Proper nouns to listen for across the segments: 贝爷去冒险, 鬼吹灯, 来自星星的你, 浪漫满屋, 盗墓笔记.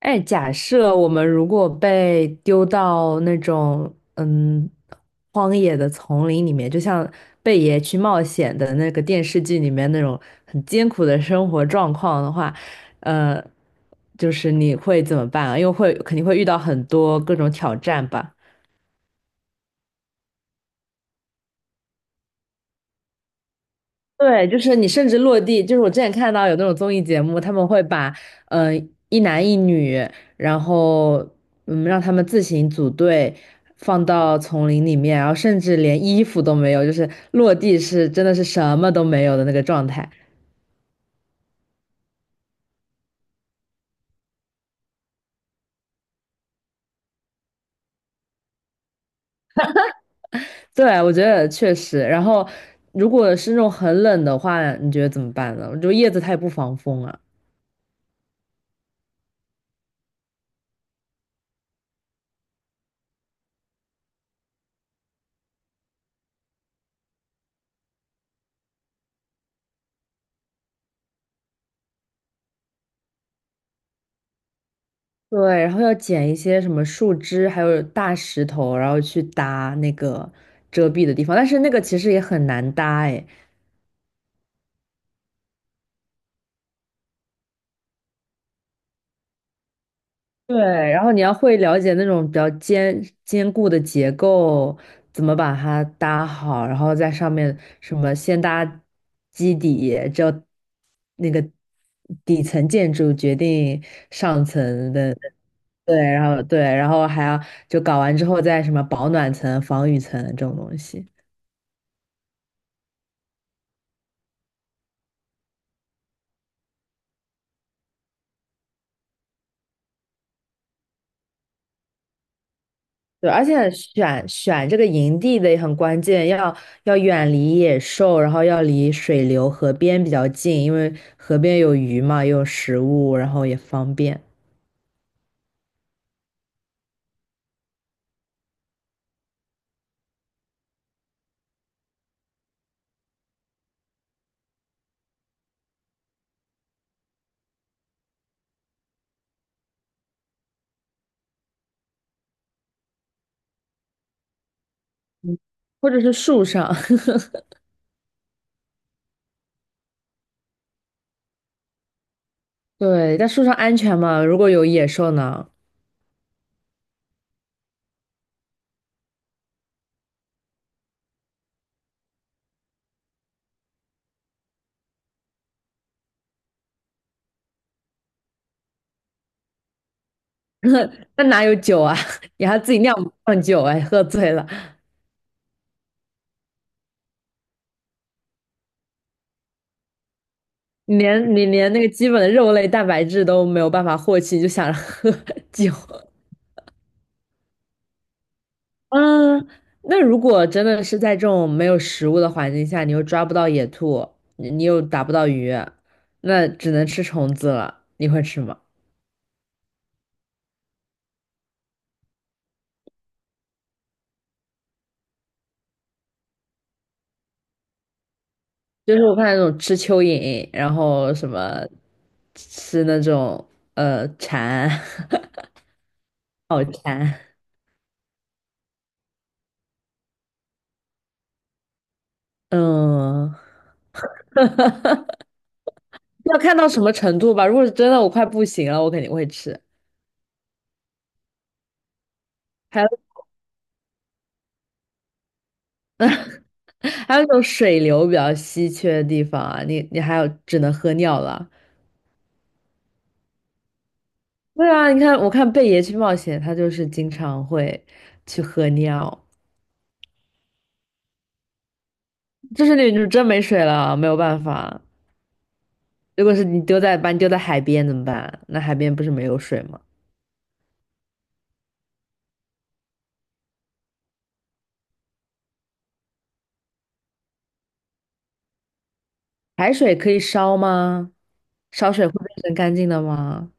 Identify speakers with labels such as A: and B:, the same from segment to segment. A: 哎，假设我们如果被丢到那种荒野的丛林里面，就像《贝爷去冒险》的那个电视剧里面那种很艰苦的生活状况的话，呃，就是你会怎么办啊？因为会肯定会遇到很多各种挑战吧。对，就是你甚至落地，就是我之前看到有那种综艺节目，他们会把呃一男一女，然后让他们自行组队放到丛林里面，然后甚至连衣服都没有，就是落地是真的是什么都没有的那个状态。对，我觉得确实。然后如果是那种很冷的话，你觉得怎么办呢？我觉得叶子它也不防风啊。对，然后要捡一些什么树枝，还有大石头，然后去搭那个遮蔽的地方。但是那个其实也很难搭哎。对，然后你要会了解那种比较坚固的结构，怎么把它搭好，然后在上面什么先搭基底，只有那个底层建筑决定上层的，对，然后对，然后还要就搞完之后再什么保暖层、防雨层这种东西。对，而且选这个营地的也很关键，要要远离野兽，然后要离水流、河边比较近，因为河边有鱼嘛，也有食物，然后也方便。或者是树上，对，在树上安全吗？如果有野兽呢？那哪有酒啊？你还自己酿酒哎，喝醉了，你连那个基本的肉类蛋白质都没有办法获取，你就想着喝 酒。嗯，那如果真的是在这种没有食物的环境下，你又抓不到野兔，你又打不到鱼，那只能吃虫子了。你会吃吗？就是我看那种吃蚯蚓，然后什么吃那种蝉，好馋。嗯，要看到什么程度吧。如果是真的我快不行了，我肯定会吃。还有还有那种水流比较稀缺的地方啊，你还有只能喝尿了。对啊，你看，我看贝爷去冒险，他就是经常会去喝尿，就是那种真没水了，没有办法。如果是你丢在把你丢在海边怎么办？那海边不是没有水吗？海水可以烧吗？烧水会变成干净的吗？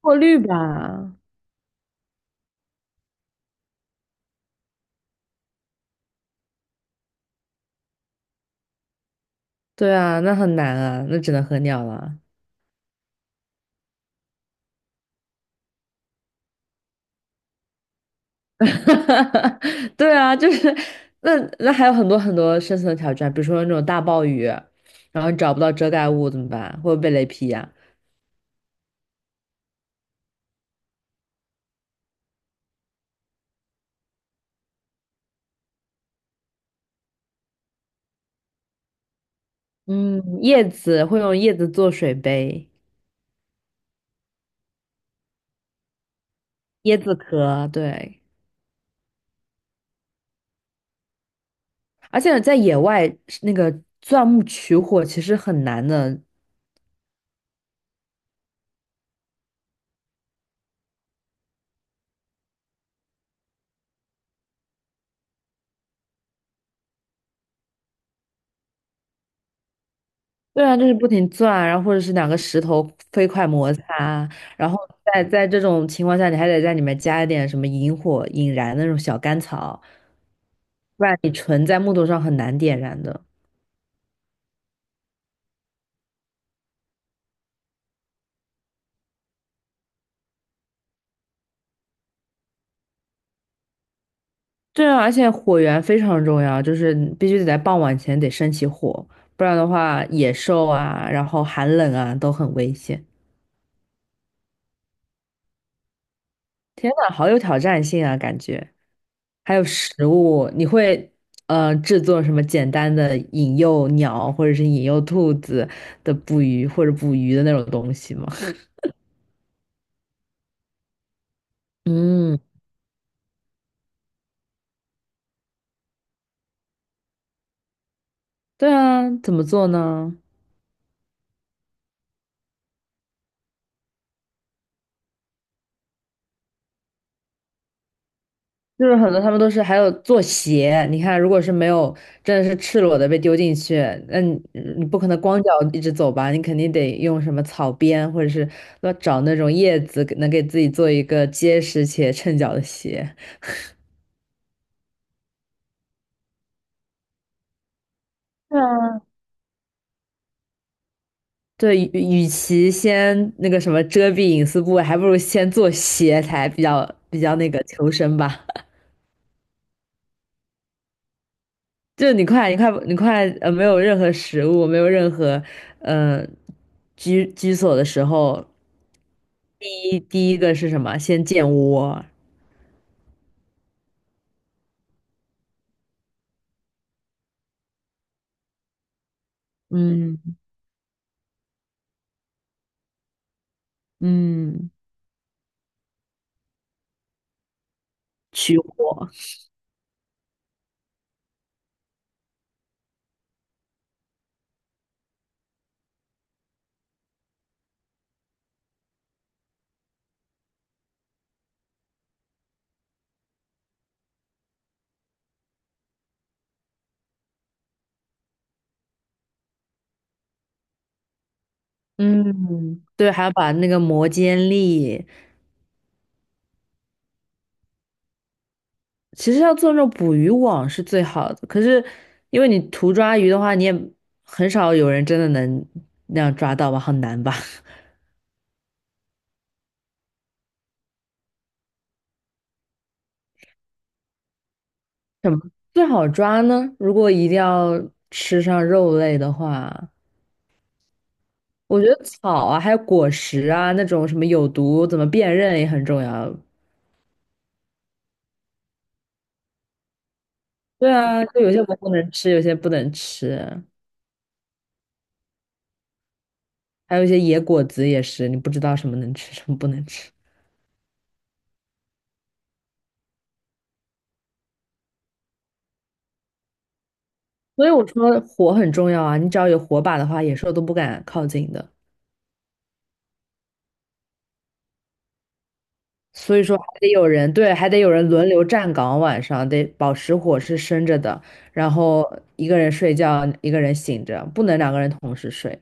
A: 过滤吧。对啊，那很难啊，那只能喝尿了。对啊，就是那还有很多很多生存挑战，比如说那种大暴雨，然后你找不到遮盖物怎么办？会不会被雷劈呀、嗯，叶子会用叶子做水杯，椰子壳，对。而且在野外，那个钻木取火其实很难的。对啊，就是不停钻，然后或者是两个石头飞快摩擦，然后在这种情况下，你还得在里面加一点什么引火、引燃的那种小甘草，不然你纯在木头上很难点燃的。对啊，而且火源非常重要，就是你必须得在傍晚前得升起火，不然的话，野兽啊，然后寒冷啊都很危险。天呐，好有挑战性啊，感觉。还有食物，你会制作什么简单的引诱鸟或者是引诱兔子的捕鱼或者捕鱼的那种东西吗？嗯，对啊，怎么做呢？就是很多他们都是还有做鞋，你看，如果是没有真的是赤裸的被丢进去，那你你不可能光脚一直走吧？你肯定得用什么草编，或者是要找那种叶子，能给自己做一个结实且衬脚的鞋。对啊。对，与与其先那个什么遮蔽隐私部位，还不如先做鞋才比较那个求生吧。就你快，你快，你快，没有任何食物，没有任何，呃，居所的时候，第一个是什么？先建窝，嗯嗯，取火，嗯，对，还要把那个磨尖利，其实要做那种捕鱼网是最好的，可是因为你图抓鱼的话，你也很少有人真的能那样抓到吧，很难吧？什么最好抓呢？如果一定要吃上肉类的话，我觉得草啊，还有果实啊，那种什么有毒怎么辨认也很重要。对啊，就有些蘑菇能吃，有些不能吃，还有一些野果子也是，你不知道什么能吃，什么不能吃。所以我说火很重要啊，你只要有火把的话，野兽都不敢靠近的。所以说还得有人，对，还得有人轮流站岗，晚上得保持火是生着的，然后一个人睡觉，一个人醒着，不能两个人同时睡。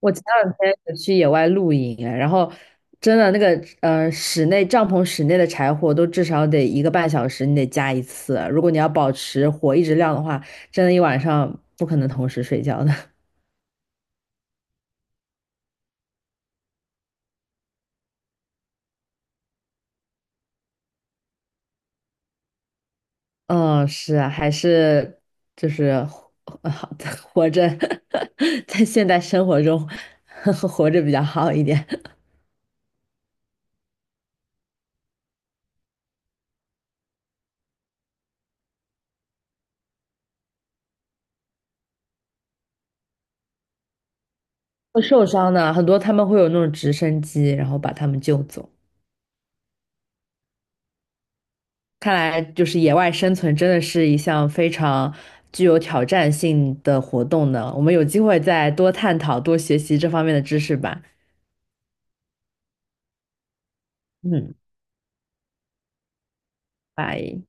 A: 我前两天有去野外露营哎，然后真的那个室内帐篷室内的柴火都至少得一个半小时，你得加一次。如果你要保持火一直亮的话，真的一晚上不可能同时睡觉的。嗯，是啊，还是就是活 活着，在现代生活中 活着比较好一点。会受伤的很多，他们会有那种直升机，然后把他们救走。看来就是野外生存真的是一项非常具有挑战性的活动呢。我们有机会再多探讨、多学习这方面的知识吧。嗯，拜。